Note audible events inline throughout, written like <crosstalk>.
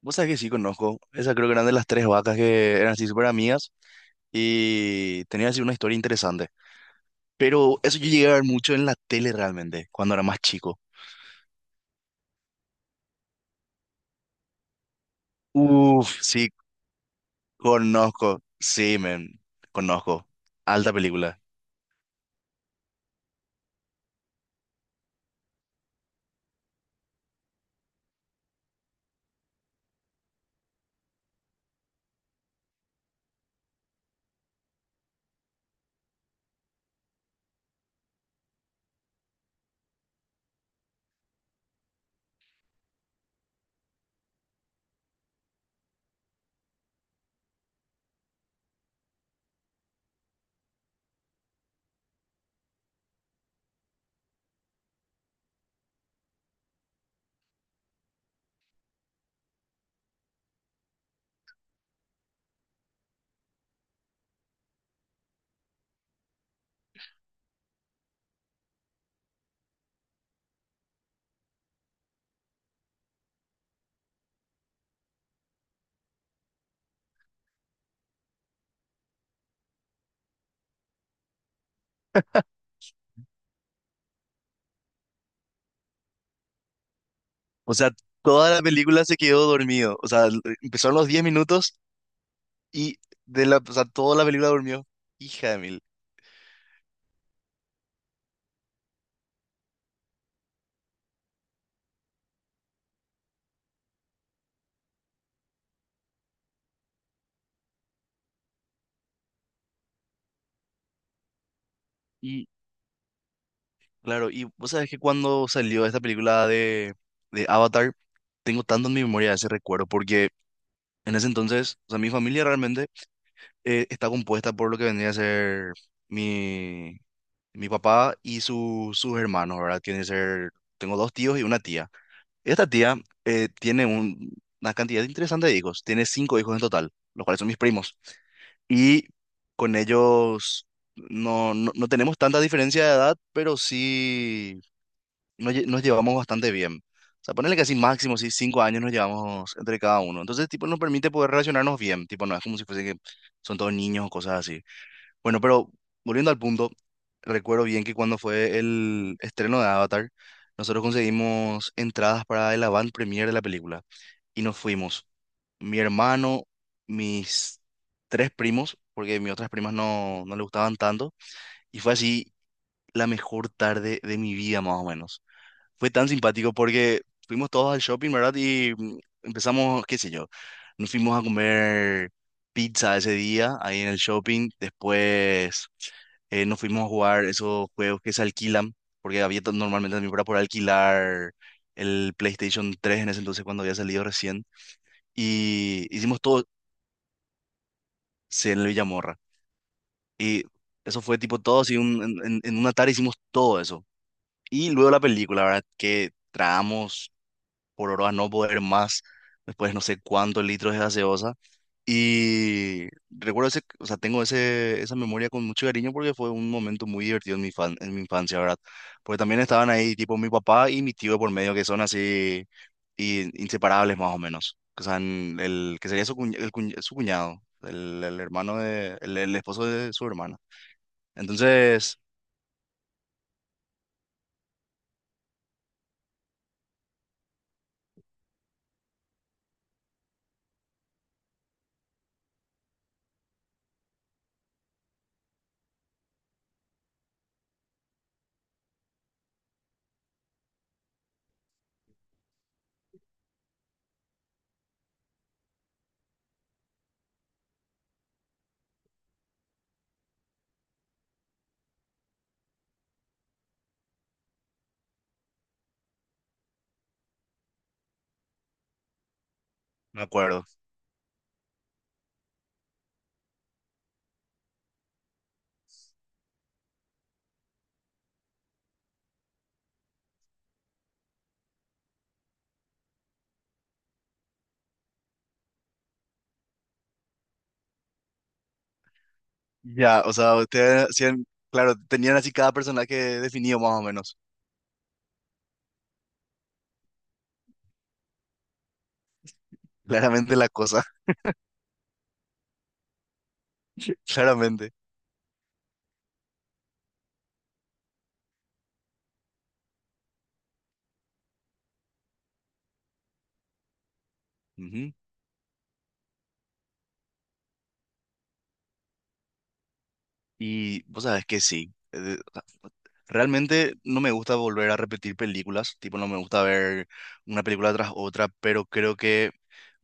Vos sabés que sí conozco. Esa creo que eran de las tres vacas que eran así súper amigas y tenían así una historia interesante. Pero eso yo llegué a ver mucho en la tele realmente, cuando era más chico. Uf, sí, conozco. Sí, men, conozco. Alta película. O sea, toda la película se quedó dormido. O sea, empezaron los 10 minutos y de o sea, toda la película durmió. Hija de mil. Claro, y vos sabés que cuando salió esta película de Avatar, tengo tanto en mi memoria ese recuerdo, porque en ese entonces, o sea, mi familia realmente está compuesta por lo que vendría a ser mi, mi papá y sus hermanos, ¿verdad? Tiene que ser, tengo 2 tíos y una tía. Esta tía tiene una cantidad interesante de hijos, tiene 5 hijos en total, los cuales son mis primos. Y con ellos no tenemos tanta diferencia de edad, pero sí nos llevamos bastante bien. O sea, ponerle que así máximo, sí, 5 años nos llevamos entre cada uno. Entonces, tipo, nos permite poder relacionarnos bien. Tipo, no es como si fuese que son todos niños o cosas así. Bueno, pero volviendo al punto, recuerdo bien que cuando fue el estreno de Avatar, nosotros conseguimos entradas para el avant premiere de la película. Y nos fuimos. Mi hermano, mis tres primos, porque mis otras primas no le gustaban tanto. Y fue así la mejor tarde de mi vida, más o menos. Fue tan simpático porque fuimos todos al shopping, ¿verdad? Y empezamos, qué sé yo, nos fuimos a comer pizza ese día ahí en el shopping. Después nos fuimos a jugar esos juegos que se alquilan, porque había normalmente también para por alquilar el PlayStation 3 en ese entonces cuando había salido recién. Y hicimos todo sí, en el Villamorra. Y eso fue tipo todo, así en, en una tarde hicimos todo eso. Y luego la película, ¿verdad? Que tragamos por hora a no poder más, después no sé cuántos litros de gaseosa. Y recuerdo ese, o sea, tengo ese, esa memoria con mucho cariño porque fue un momento muy divertido en en mi infancia, ¿verdad? Porque también estaban ahí tipo mi papá y mi tío por medio, que son así inseparables más o menos. O sea, en el que sería su cuñado, el hermano de el esposo de su hermana. Entonces, me acuerdo. Ya, o sea, ustedes hacían, claro, tenían así cada personaje definido más o menos. <laughs> Claramente la cosa. <laughs> Claramente. Ujú. Y vos sabes que sí. Realmente no me gusta volver a repetir películas, tipo no me gusta ver una película tras otra, pero creo que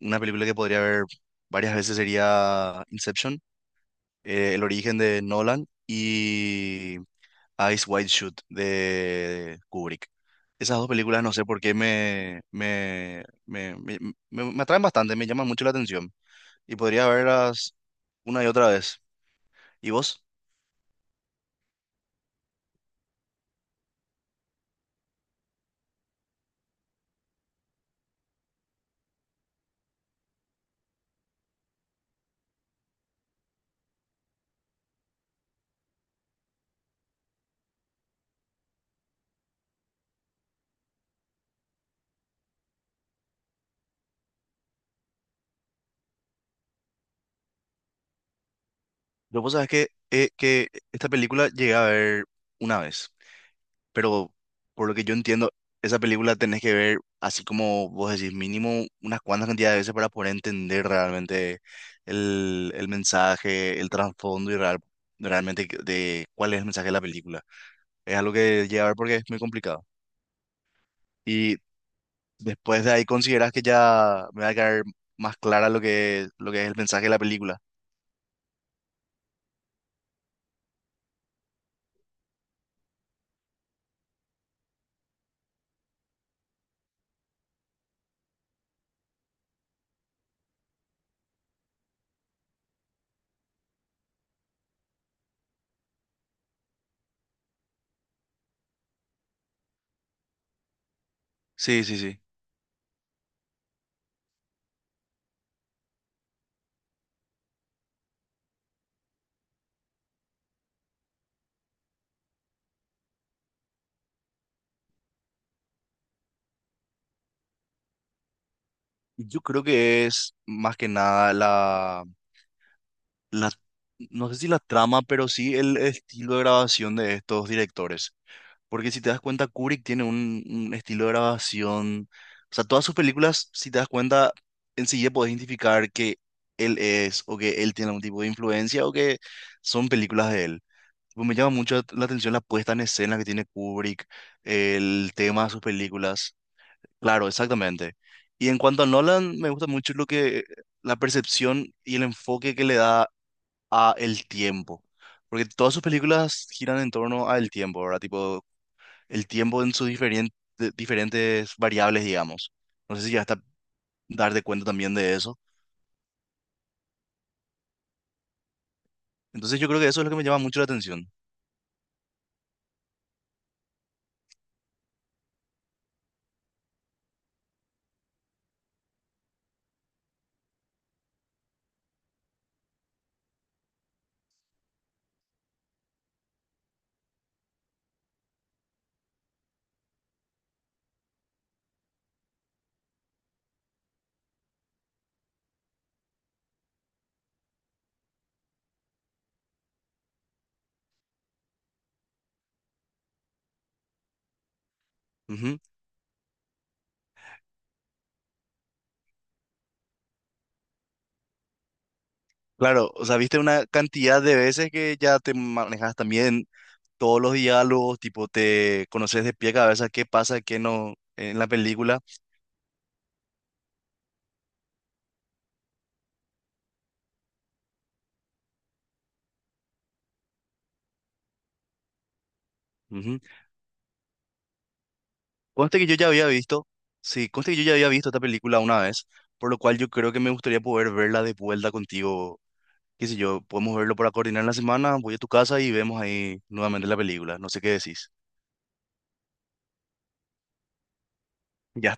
una película que podría ver varias veces sería Inception, El origen de Nolan y Eyes Wide Shut de Kubrick. Esas dos películas no sé por qué me atraen bastante, me llaman mucho la atención y podría verlas una y otra vez. ¿Y vos? Yo vos sabés que esta película llegué a ver una vez, pero por lo que yo entiendo, esa película tenés que ver, así como vos decís, mínimo unas cuantas cantidades de veces para poder entender realmente el mensaje, el trasfondo y realmente de cuál es el mensaje de la película. Es algo que llegué a ver porque es muy complicado. Y después de ahí considerás que ya me va a quedar más clara lo lo que es el mensaje de la película. Sí, sí, sí. Yo creo que es más que nada la, no sé si la trama, pero sí el estilo de grabación de estos directores. Porque si te das cuenta, Kubrick tiene un estilo de grabación. O sea, todas sus películas, si te das cuenta, enseguida podés identificar que él es, o que él tiene algún tipo de influencia, o que son películas de él. Tipo, me llama mucho la atención la puesta en escena que tiene Kubrick, el tema de sus películas. Claro, exactamente. Y en cuanto a Nolan, me gusta mucho lo que la percepción y el enfoque que le da a el tiempo. Porque todas sus películas giran en torno al tiempo, ¿verdad? Tipo, el tiempo en sus diferentes variables, digamos. No sé si ya está darte cuenta también de eso. Entonces yo creo que eso es lo que me llama mucho la atención. Ujú. Claro, o sea, viste una cantidad de veces que ya te manejas también todos los diálogos, tipo, te conoces de pie a cabeza qué pasa, qué no en la película. Conste que yo ya había visto, sí, conste que yo ya había visto esta película una vez, por lo cual yo creo que me gustaría poder verla de vuelta contigo. Qué sé yo, podemos verlo para coordinar la semana, voy a tu casa y vemos ahí nuevamente la película. No sé qué decís. Ya